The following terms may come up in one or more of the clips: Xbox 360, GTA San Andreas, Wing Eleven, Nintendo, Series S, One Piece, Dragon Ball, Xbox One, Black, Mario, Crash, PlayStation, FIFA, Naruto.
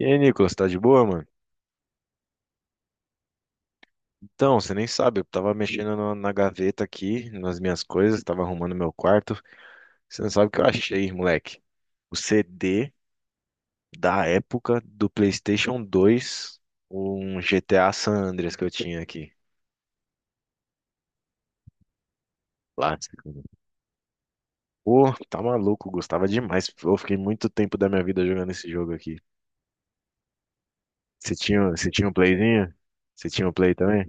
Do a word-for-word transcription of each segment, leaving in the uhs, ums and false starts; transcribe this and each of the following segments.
E aí, Nicolas, tá de boa, mano? Então, você nem sabe, eu tava mexendo no- na gaveta aqui, nas minhas coisas, tava arrumando meu quarto. Você não sabe o que eu achei, moleque. O C D da época do PlayStation dois, um G T A San Andreas que eu tinha aqui. Lá. Pô, tá maluco, gostava demais. Eu fiquei muito tempo da minha vida jogando esse jogo aqui. Você tinha, você tinha um playzinho? Você tinha um play também?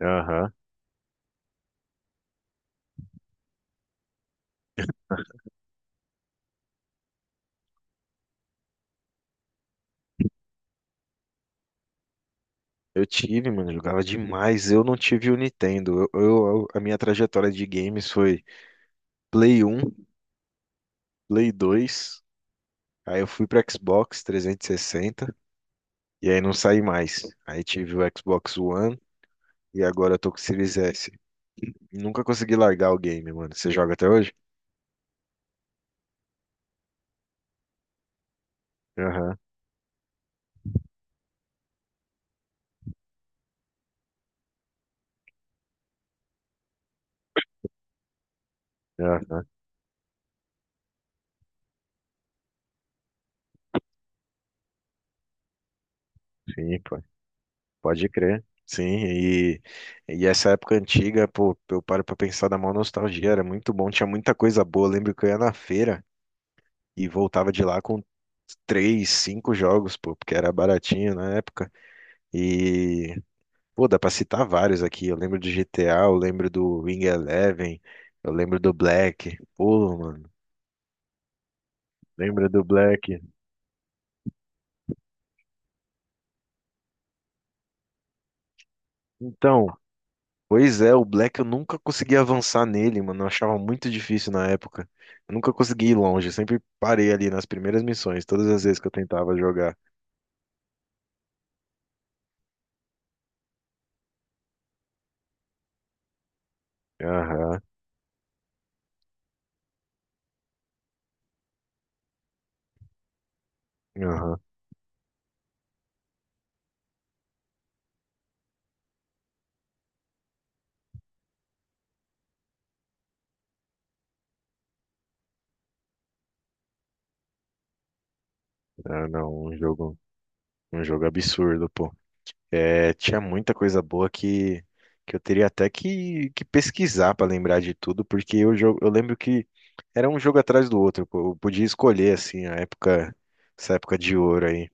Aham. Eu tive, mano, jogava demais. Eu não tive o Nintendo. Eu, eu- a minha trajetória de games foi Play um, Play dois, aí eu fui pro Xbox trezentos e sessenta e sessenta e aí não saí mais. Aí tive o Xbox One e agora eu tô com o Series S. Nunca consegui largar o game, mano. Você joga até hoje? Aham, aham, sim, pô. Pode crer. Sim, e, e essa época antiga, pô, eu paro pra pensar da maior nostalgia, era muito bom, tinha muita coisa boa. Eu lembro que eu ia na feira. E voltava de lá com três, cinco jogos, pô, porque era baratinho na época. E, pô, dá pra citar vários aqui. Eu lembro do G T A. Eu lembro do Wing Eleven, eu lembro do Black. Pô, mano, lembra do Black? Então, pois é, o Black eu nunca consegui avançar nele, mano. Eu achava muito difícil na época. Eu nunca consegui ir longe, eu sempre parei ali nas primeiras missões, todas as vezes que eu tentava jogar. Aham, aham. Ah, não, um jogo, um jogo, absurdo, pô. É, tinha muita coisa boa que, que eu teria até que, que pesquisar para lembrar de tudo, porque eu, jo- eu lembro que era um jogo atrás do outro. Eu podia escolher, assim, a época, essa época de ouro aí.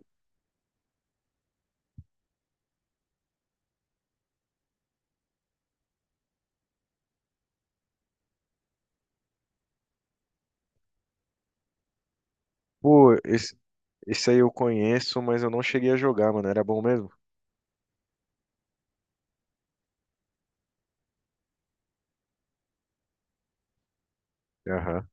Pô, esse, esse aí eu conheço, mas eu não cheguei a jogar, mano. Era bom mesmo? Aham,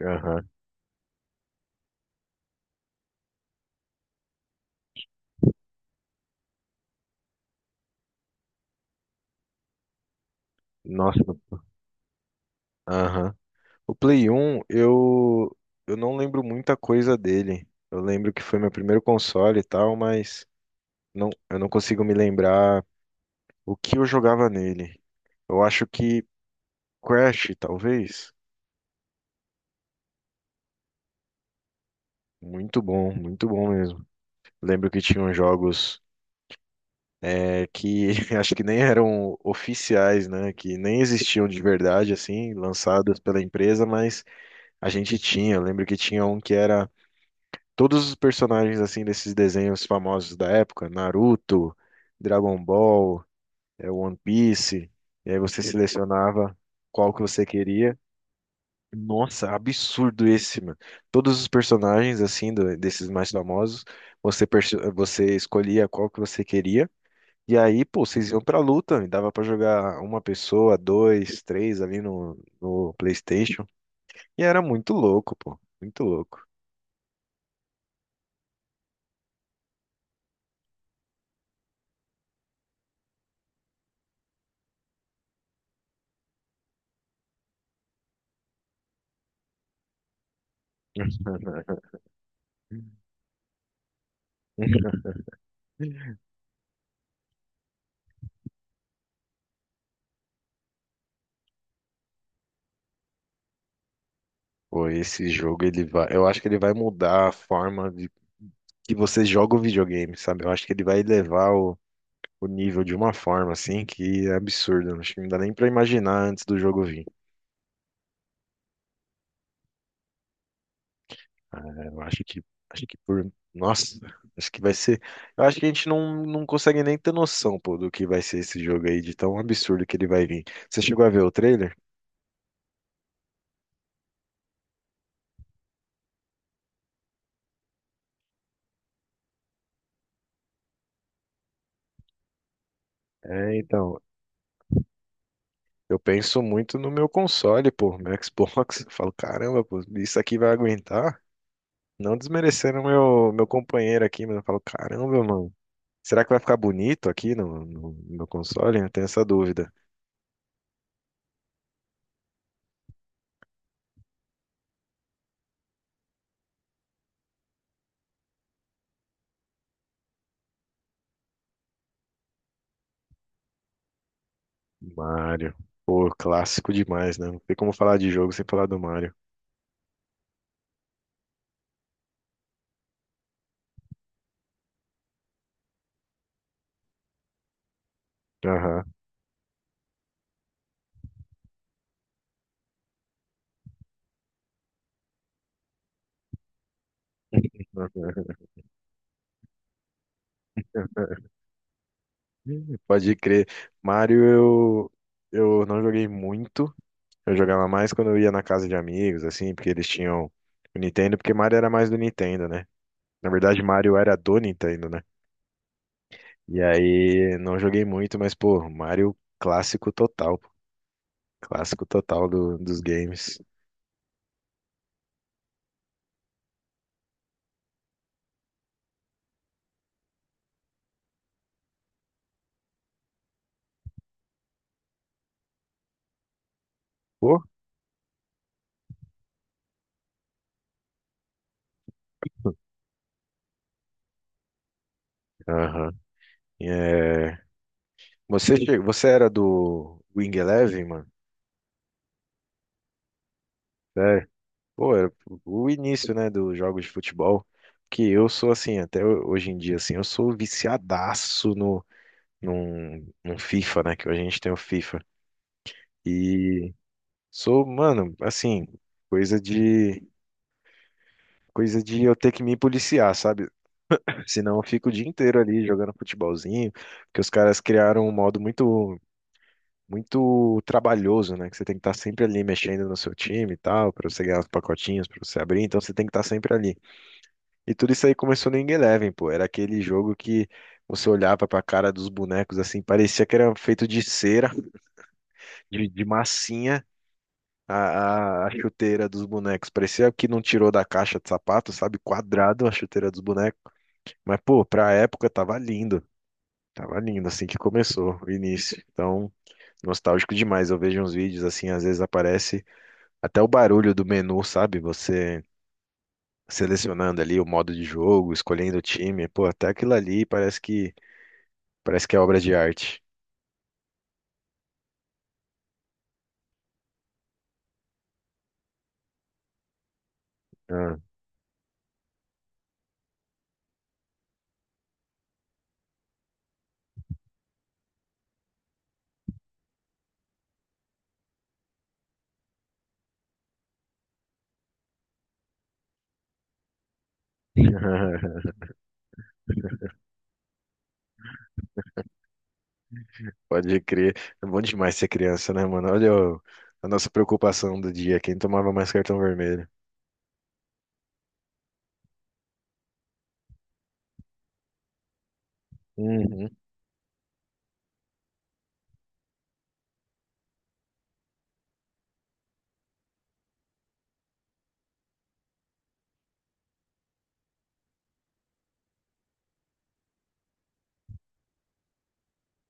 aham. Nossa, aham. O Play um, eu, eu não lembro muita coisa dele. Eu lembro que foi meu primeiro console e tal, mas não, eu não consigo me lembrar o que eu jogava nele? Eu acho que Crash, talvez. Muito bom, muito bom mesmo. Lembro que tinham jogos é, que acho que nem eram oficiais, né? Que nem existiam de verdade, assim, lançados pela empresa, mas a gente tinha. Eu lembro que tinha um que era todos os personagens, assim, desses desenhos famosos da época, Naruto, Dragon Ball, é, One Piece. E aí você selecionava qual que você queria. Nossa, absurdo esse, mano. Todos os personagens, assim, do- desses mais famosos, você, perce- você escolhia qual que você queria. E aí, pô, vocês iam pra luta. E dava pra jogar uma pessoa, dois, três ali no, no PlayStation. E era muito louco, pô. Muito louco. Pô, esse jogo, ele vai. Eu acho que ele vai mudar a forma de que você joga o videogame, sabe? Eu acho que ele vai elevar o, o nível de uma forma, assim, que é absurda. Acho que não dá nem pra imaginar antes do jogo vir. É, eu acho que, acho que por, nossa, acho que vai ser, eu acho que a gente não, não consegue nem ter noção, pô, do que vai ser esse jogo aí, de tão absurdo que ele vai vir. Você chegou a ver o trailer? É, então, eu penso muito no meu console, pô, meu Xbox, eu falo, caramba, pô, isso aqui vai aguentar? Não desmerecendo meu, meu companheiro aqui, mas eu falo, caramba, mano, será que vai ficar bonito aqui no, no, no meu console? Eu tenho essa dúvida. Mario, pô, clássico demais, né? Não tem como falar de jogo sem falar do Mario. Aham. Pode crer. Mario, eu, eu não joguei muito. Eu jogava mais quando eu ia na casa de amigos, assim, porque eles tinham o Nintendo, porque Mario era mais do Nintendo, né? Na verdade, Mario era do Nintendo, né? E aí, não joguei muito, mas, pô, Mario clássico total, pô. Clássico total do- dos games. Pô, aham. É, Você, che- você era do Wing Eleven, mano? Pô, era o início, né, dos jogos de futebol, que eu sou assim, até hoje em dia, assim, eu sou viciadaço no, num, num FIFA, né, que a gente tem o FIFA. E sou, mano, assim, coisa de, coisa de eu ter que me policiar, sabe? Senão eu fico o dia inteiro ali jogando futebolzinho, porque os caras criaram um modo muito, muito trabalhoso, né, que você tem que estar sempre ali mexendo no seu time e tal, pra você ganhar os pacotinhos, pra você abrir, então você tem que estar sempre ali. E tudo isso aí começou no Ing Eleven, pô. Era aquele jogo que você olhava pra cara dos bonecos assim, parecia que era feito de cera, de, de, massinha, a, a- a chuteira dos bonecos. Parecia que não tirou da caixa de sapato, sabe? Quadrado a chuteira dos bonecos. Mas, pô, pra época tava lindo. Tava lindo assim que começou o início. Então, nostálgico demais. Eu vejo uns vídeos assim, às vezes aparece até o barulho do menu, sabe? Você selecionando ali o modo de jogo, escolhendo o time. Pô, até aquilo ali parece que Parece que é obra de arte. Ah. Pode crer. É bom demais ser criança, né, mano? Olha o- a nossa preocupação do dia. Quem tomava mais cartão vermelho? Uhum.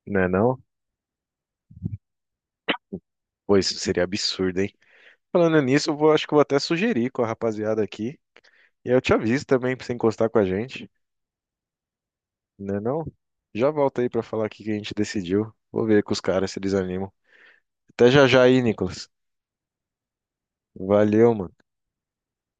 Não é não? Pô, isso seria absurdo, hein? Falando nisso, eu vou, acho que eu vou até sugerir com a rapaziada aqui. E eu te aviso também pra você encostar com a gente. Não é não? Já volta aí pra falar o que que a gente decidiu. Vou ver com os caras se eles animam. Até já já aí, Nicolas. Valeu, mano.